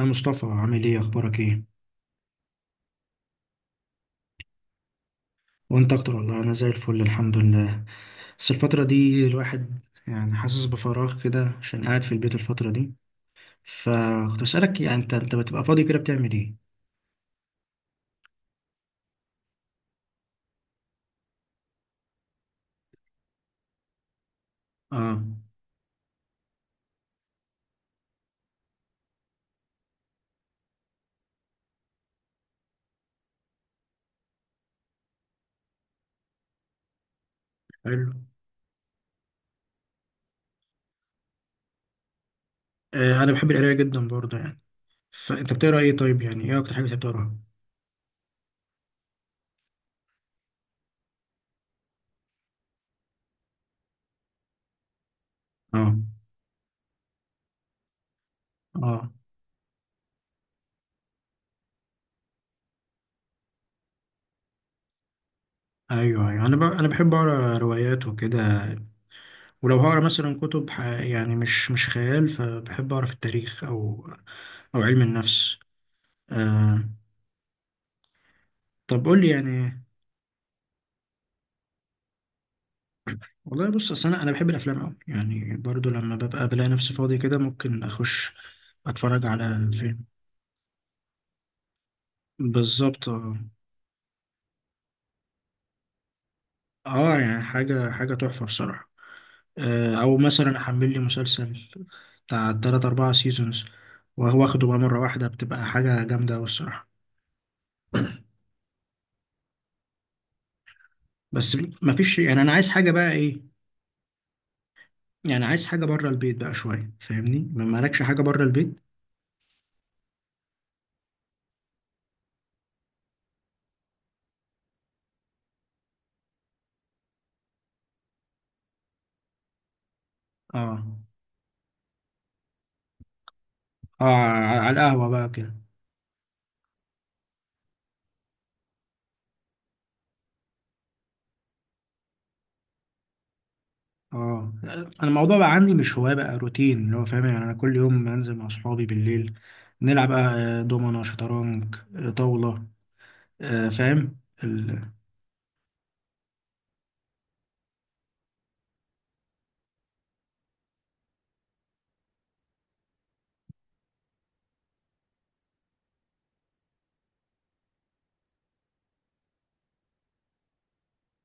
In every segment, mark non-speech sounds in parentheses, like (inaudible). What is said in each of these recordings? يا مصطفى، عامل ايه؟ اخبارك ايه؟ وانت اكتر والله. انا زي الفل الحمد لله. بس الفترة دي الواحد يعني حاسس بفراغ كده عشان قاعد في البيت الفترة دي. فكنت بسألك، يعني انت بتبقى فاضي كده بتعمل ايه؟ اه. حلو. انا بحب القراية جدا برضه يعني. فانت بتقرا ايه؟ طيب، يعني ايه اكتر حاجة أنت بتقراها؟ اه. اه. ايوه ايوه، انا بحب اقرا روايات وكده. ولو هقرا مثلا كتب، يعني مش خيال، فبحب اقرا في التاريخ او علم النفس. آه، طب قول لي يعني. والله بص، اصل انا بحب الافلام قوي يعني، برضو لما ببقى بلاقي نفسي فاضي كده ممكن اخش اتفرج على فيلم. بالظبط اه. يعني حاجه حاجه تحفه بصراحه. او مثلا احمل لي مسلسل بتاع تلات اربعة سيزونز، وهو واخده بقى مره واحده، بتبقى حاجه جامده قوي الصراحه. بس. مفيش، يعني انا عايز حاجه بقى ايه. يعني عايز حاجه بره البيت بقى شويه، فاهمني؟ ما مالكش حاجه بره البيت. اه. اه، على القهوه بقى كده. اه، انا الموضوع بقى عندي مش هواية، بقى روتين اللي هو فاهم. يعني انا كل يوم بنزل مع اصحابي بالليل، نلعب بقى دومنة، شطرنج، طاولة، فاهم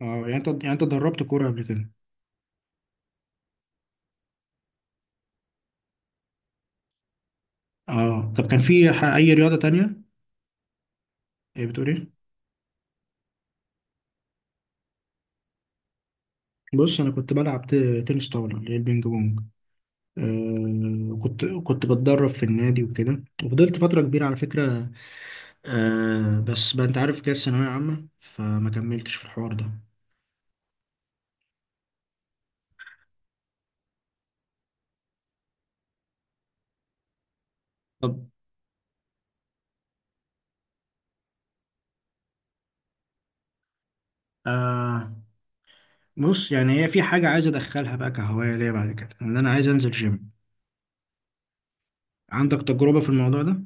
اه، يعني انت دربت كورة قبل كده؟ اه، طب كان في اي رياضة تانية؟ ايه بتقول ايه؟ بص، انا كنت بلعب تنس طاولة اللي هي البينج بونج. كنت بتدرب في النادي وكده، وفضلت فترة كبيرة على فكرة. بس بقى انت عارف كده الثانوية عامة، فما كملتش في الحوار ده. طب. آه بص، يعني هي في حاجة عايز أدخلها بقى كهواية ليا بعد كده، إن أنا عايز أنزل جيم. عندك تجربة في الموضوع ده؟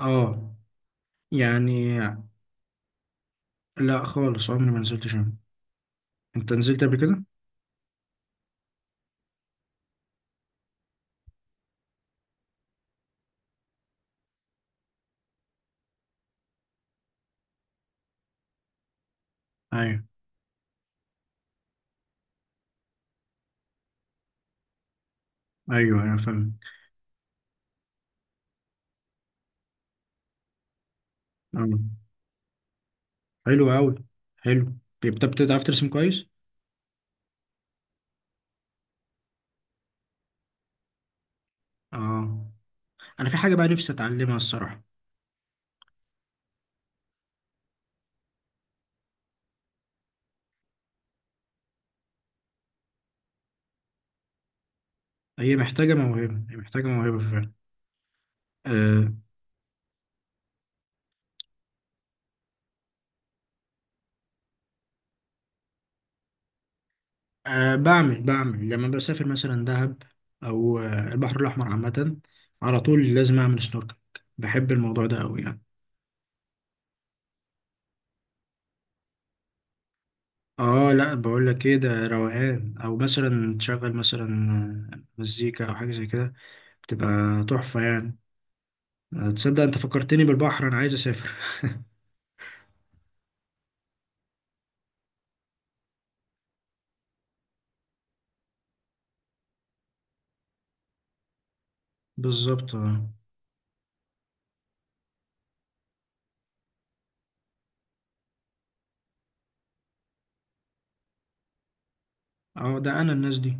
آه يعني لا خالص، عمري ما نزلت جيم. أنت نزلت قبل كده؟ أيوه. أيوه أيوه، فاهم. آه. حلو أوي. حلو. طيب، طب بتعرف ترسم كويس؟ آه أنا في حاجة بقى نفسي أتعلمها الصراحة. هي محتاجة موهبة، هي محتاجة موهبة. فعلا. بعمل لما بسافر مثلا دهب، أو البحر الأحمر عامة. على طول لازم أعمل سنوركل. بحب الموضوع ده أوي يعني. اه لا، بقول لك ايه، ده روقان. او مثلا تشغل مثلا مزيكا او حاجه زي كده، بتبقى تحفه يعني. تصدق انت فكرتني بالبحر، انا عايز اسافر (laughs) بالظبط اه. اه، ده انا الناس دي.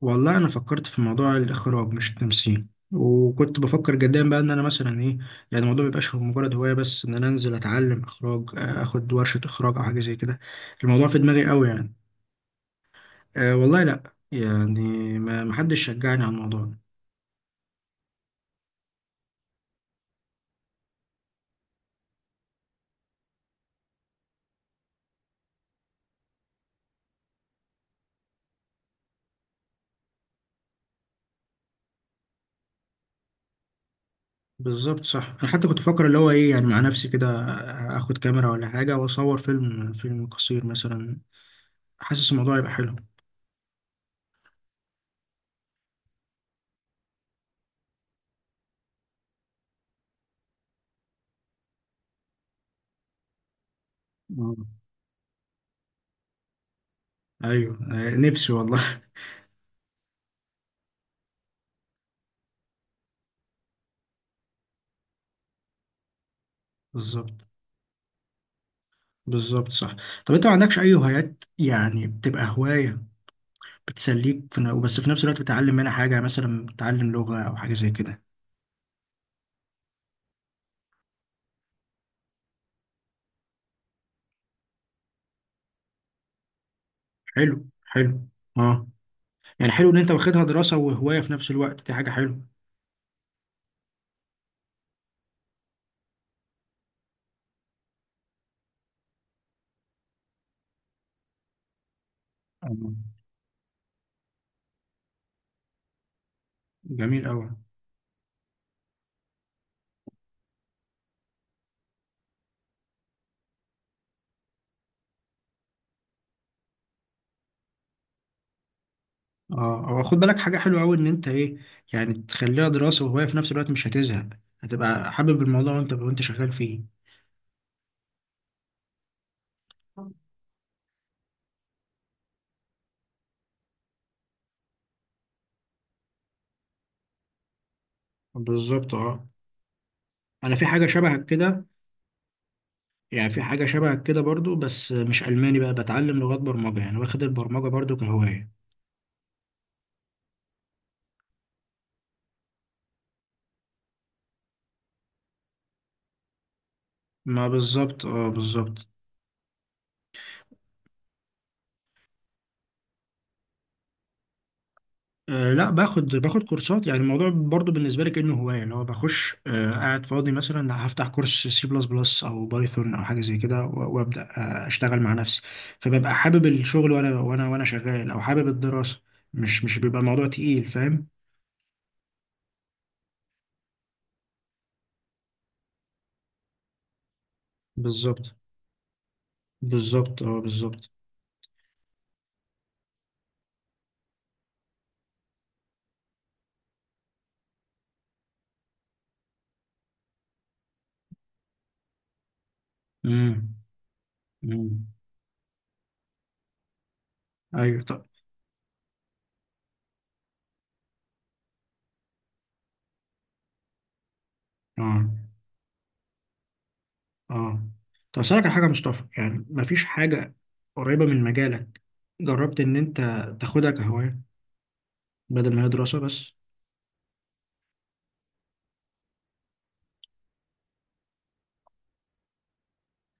والله انا فكرت في موضوع الاخراج مش التمثيل، وكنت بفكر جدا بقى ان انا مثلا ايه. يعني الموضوع ميبقاش هو مجرد هوايه بس، ان انا انزل اتعلم اخراج، اخد ورشه اخراج او حاجه زي كده. الموضوع في دماغي قوي يعني. أه والله لا يعني. ما حدش شجعني على الموضوع ده. بالظبط صح. انا حتى كنت بفكر اللي هو ايه، يعني مع نفسي كده اخد كاميرا ولا حاجه واصور فيلم، فيلم قصير مثلا. حاسس الموضوع يبقى حلو. آه. ايوه. نفسي والله (laughs) بالظبط. بالظبط صح. طب انت ما عندكش اي هوايات يعني بتبقى هواية بتسليك في بس في نفس الوقت بتتعلم منها حاجة، مثلا بتتعلم لغة او حاجة زي كده؟ حلو حلو. اه، يعني حلو ان انت واخدها دراسة وهواية في نفس الوقت، دي حاجة حلوة. آه، جميل قوي. اه، او خد بالك حاجة حلوة قوي، ان انت ايه، يعني تخليها دراسة وهواية في نفس الوقت مش هتزهق. هتبقى حابب الموضوع وانت شغال فيه. بالظبط اه. انا في حاجة شبهك كده. يعني في حاجة شبه كده برضو بس مش ألماني بقى، بتعلم لغات برمجة يعني، واخد البرمجة برضو كهواية. ما بالظبط اه، بالظبط. لا، باخد كورسات. يعني الموضوع برضو بالنسبة لي كأنه هواية، اللي هو بخش قاعد فاضي مثلا هفتح كورس C++ أو بايثون أو حاجة زي كده، و- وأبدأ أشتغل مع نفسي. فببقى حابب الشغل، وأنا وأنا شغال أو حابب الدراسة. مش بيبقى الموضوع تقيل فاهم. بالظبط، بالظبط اه، بالظبط. امم. امم. ايوه طب. اه. اه. طب اسالك على حاجه يا مصطفى، يعني مفيش حاجه قريبه من مجالك جربت ان انت تاخدها كهوايه بدل ما هي دراسه بس؟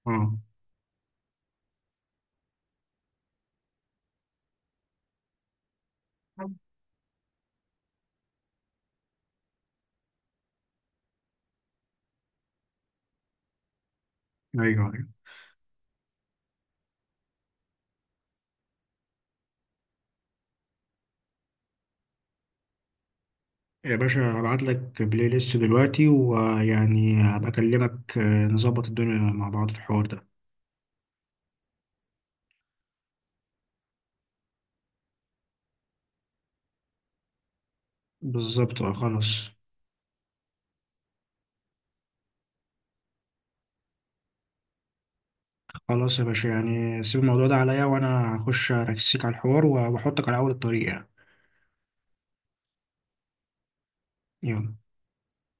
اه. ايوه ايوه يا باشا، هبعت لك بلاي ليست دلوقتي، ويعني هبقى اكلمك نظبط الدنيا مع بعض في الحوار ده. بالظبط اه. خلاص. خلاص يا باشا، يعني سيب الموضوع ده عليا، وانا هخش اركسيك على الحوار واحطك على اول الطريق يعني. يلا.